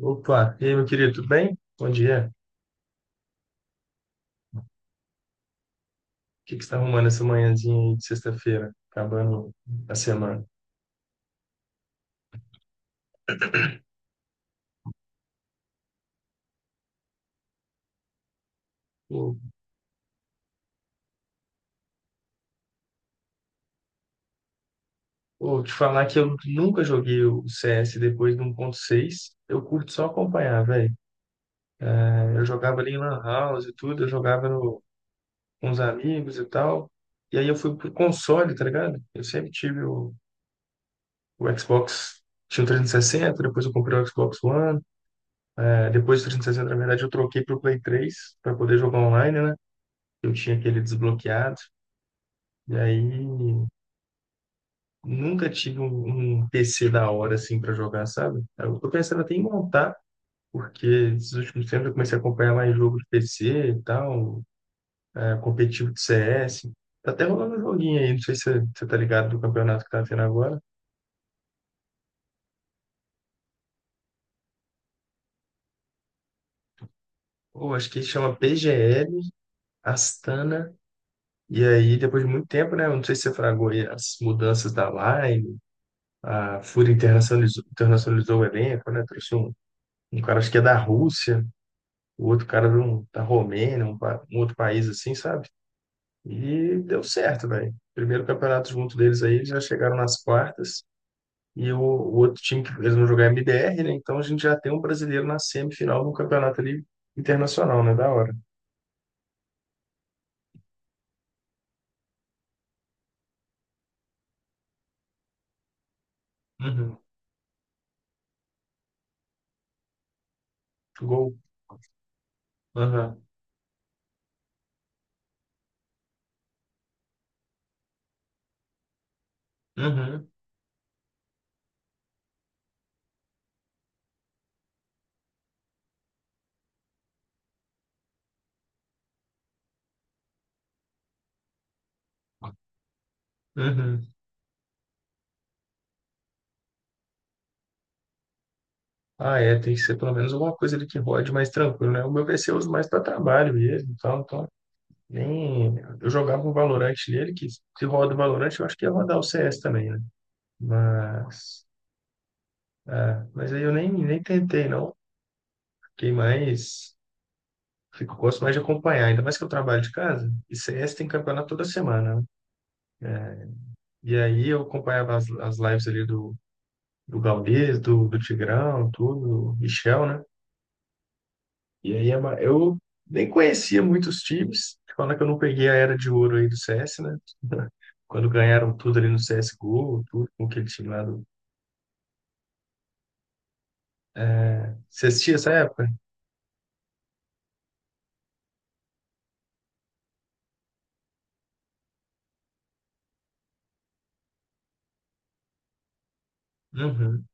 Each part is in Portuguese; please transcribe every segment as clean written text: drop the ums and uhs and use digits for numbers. Opa, e aí, meu querido, tudo bem? Bom dia. O que que você está arrumando essa manhãzinha aí de sexta-feira, acabando a semana? Vou, vou te falar que eu nunca joguei o CS depois do 1.6. Eu curto só acompanhar, velho. É, eu jogava ali em Lan House e tudo, eu jogava com os amigos e tal. E aí eu fui pro console, tá ligado? Eu sempre tive o Xbox, tinha o 360, depois eu comprei o Xbox One. É, depois do 360, na verdade, eu troquei pro Play 3 para poder jogar online, né? Eu tinha aquele desbloqueado. E aí, nunca tive um PC da hora, assim, para jogar, sabe? Eu tô pensando até em montar, porque esses últimos tempos eu comecei a acompanhar mais jogo de PC e tal, é, competitivo de CS. Tá até rolando um joguinho aí, não sei se você tá ligado do campeonato que tá tendo agora. Ou acho que chama PGL Astana. E aí, depois de muito tempo, né? Eu não sei se você fragou aí as mudanças da Line, a FURIA internacionalizou o elenco, né? Trouxe um cara, acho que é da Rússia. O outro cara da Romênia, um outro país assim, sabe? E deu certo, velho. Primeiro campeonato junto deles aí, eles já chegaram nas quartas. E o outro time que eles vão jogar é MBR, né? Então a gente já tem um brasileiro na semifinal de um campeonato ali internacional, né? Da hora. Uhum. Gol. Aham. Uhum. Uhum. Ah, é, tem que ser pelo menos alguma coisa ali que rode mais tranquilo, né? O meu PC eu uso mais para trabalho mesmo, então nem eu jogava um Valorant nele, que se roda o Valorant, eu acho que ia rodar o CS também, né? Mas, é, mas aí eu nem tentei, não. Fiquei mais. Fico, gosto mais de acompanhar, ainda mais que eu trabalho de casa. E CS tem campeonato toda semana, né? E aí eu acompanhava as lives ali do Gaules, do Tigrão, tudo, do Michel, né? E aí eu nem conhecia muitos times. Falando que eu não peguei a era de ouro aí do CS, né? Quando ganharam tudo ali no CSGO, tudo com aquele time lá do. É, você assistia essa época? Uhum.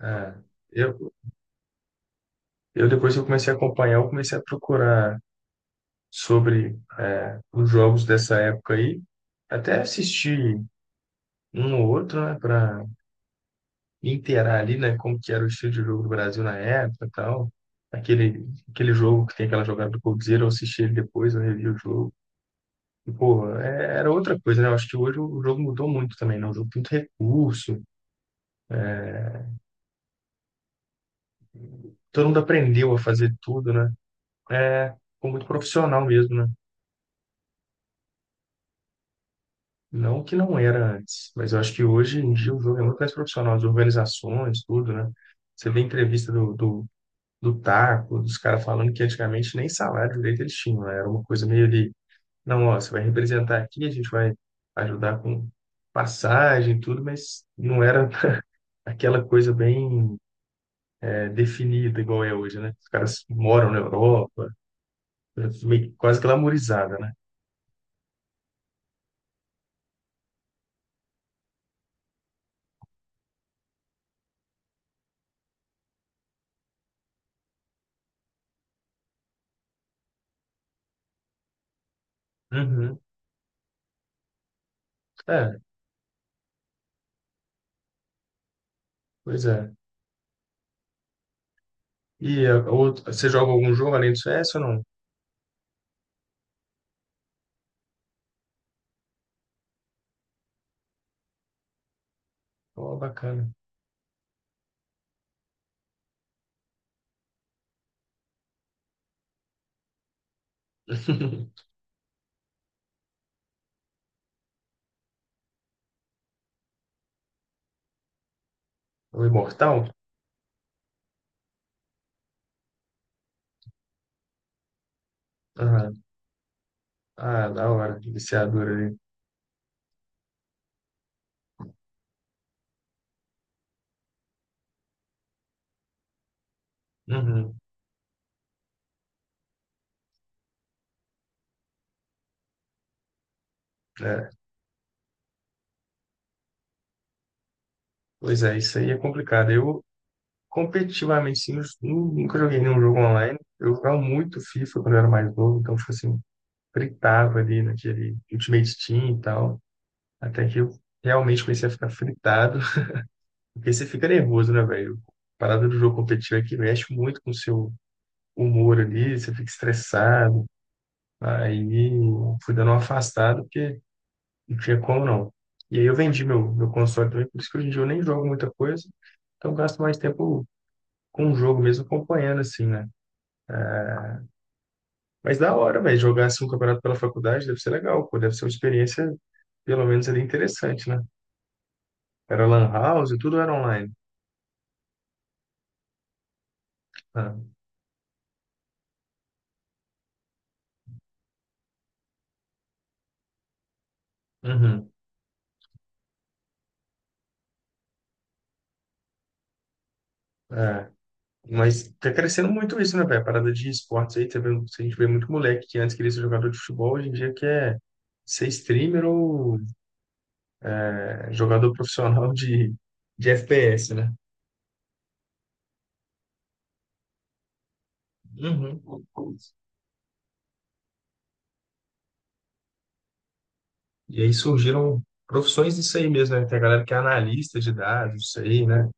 É. Eu, eu depois que eu comecei a acompanhar, eu comecei a procurar sobre os jogos dessa época aí, até assistir um ou outro, né, para inteirar ali, né, como que era o estilo de jogo do Brasil na época, e tal. Aquele jogo que tem aquela jogada do Coldzera, eu assisti ele depois, eu revi o jogo. E, pô, era outra coisa, né? Eu acho que hoje o jogo mudou muito também, né? O jogo tem muito recurso, todo mundo aprendeu a fazer tudo, né? É, ficou muito profissional mesmo, né? Não que não era antes, mas eu acho que hoje em dia o jogo é muito mais profissional, as organizações, tudo, né? Você vê entrevista do Taco, dos caras falando que antigamente nem salário direito eles tinham, né? Era uma coisa meio ali, não, ó, você vai representar aqui, a gente vai ajudar com passagem, e tudo, mas não era aquela coisa bem definida igual é hoje, né? Os caras moram na Europa, meio, quase glamourizada, né? Uhum. É, pois é. E você joga algum jogo além do CS ou não? Pô, bacana. O Imortal? Aham. Ah, da hora. Viciador ali. Uhum. É. Pois é, isso aí é complicado. Competitivamente, sim, eu nunca joguei nenhum jogo online. Eu jogava muito FIFA quando eu era mais novo, então, tipo assim, fritava ali naquele Ultimate Team e tal. Até que eu realmente comecei a ficar fritado. Porque você fica nervoso, né, velho? A parada do jogo competitivo é que mexe muito com o seu humor ali, você fica estressado. Aí fui dando uma afastada, porque não tinha como não. E aí eu vendi meu console também, por isso que hoje em dia eu nem jogo muita coisa. Então eu gasto mais tempo com o jogo mesmo, acompanhando, assim, né? Mas da hora, velho, jogar assim um campeonato pela faculdade deve ser legal, pô, deve ser uma experiência, pelo menos ali, interessante, né? Era lan house e tudo era online. Ah, uhum, é. Mas tá crescendo muito isso, né, velho? A parada de esportes aí, tá vendo? A gente vê muito moleque que antes queria ser jogador de futebol, hoje em dia quer ser streamer ou jogador profissional de FPS, né? Uhum. E aí surgiram profissões disso aí mesmo, né? Tem a galera que é analista de dados, isso aí, né?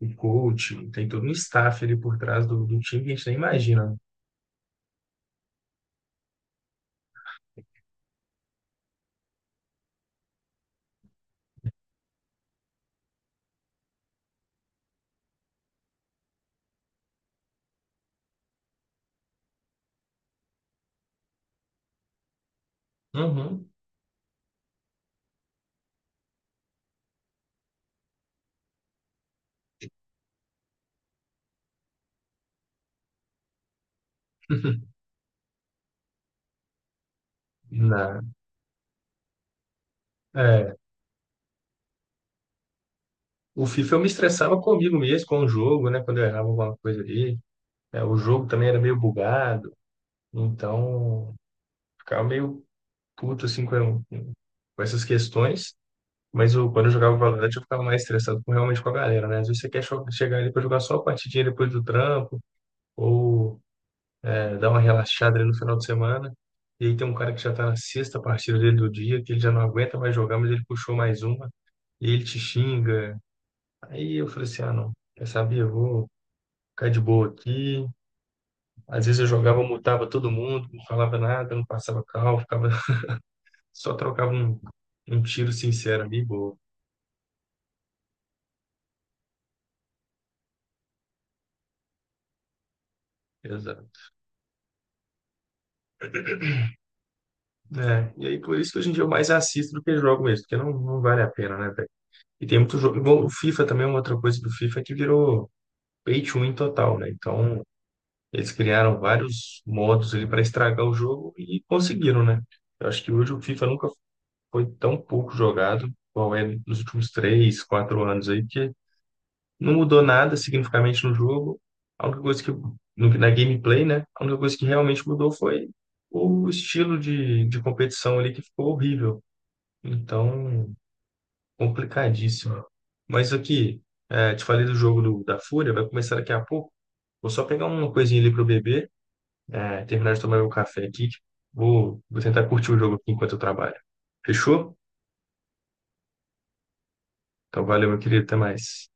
O coach, tem todo um staff ali por trás do time que a gente nem imagina. Uhum. Na, é, o FIFA eu me estressava comigo mesmo, com o jogo, né? Quando eu errava alguma coisa ali. É, o jogo também era meio bugado, então ficava meio puto assim com essas questões. Mas eu, quando eu jogava Valorant, eu ficava mais estressado realmente com a galera, né? Às vezes você quer chegar ali para jogar só a partidinha depois do trampo, ou dar uma relaxada ali no final de semana. E aí tem um cara que já tá na sexta partida dele do dia, que ele já não aguenta mais jogar, mas ele puxou mais uma, e ele te xinga. Aí eu falei assim: ah, não, quer saber? Eu vou ficar de boa aqui. Às vezes eu jogava, mutava todo mundo, não falava nada, não passava cal ficava, só trocava um tiro sincero ali, boa. Exato. É, e aí por isso que hoje em dia eu mais assisto do que jogo mesmo, porque não, não vale a pena, né, velho? E tem muito jogo. Igual o FIFA também, é uma outra coisa do FIFA é que virou pay to win total, né? Então, eles criaram vários modos ali para estragar o jogo e conseguiram, né? Eu acho que hoje o FIFA nunca foi tão pouco jogado, qual é nos últimos 3, 4 anos aí, que não mudou nada significativamente no jogo. A única coisa que, no, na gameplay, né? A única coisa que realmente mudou foi o estilo de competição ali que ficou horrível. Então, complicadíssimo. Mas aqui, é, te falei do jogo da Fúria, vai começar daqui a pouco. Vou só pegar uma coisinha ali para eu beber, é, terminar de tomar meu café aqui. Vou tentar curtir o jogo aqui enquanto eu trabalho. Fechou? Então, valeu, meu querido. Até mais.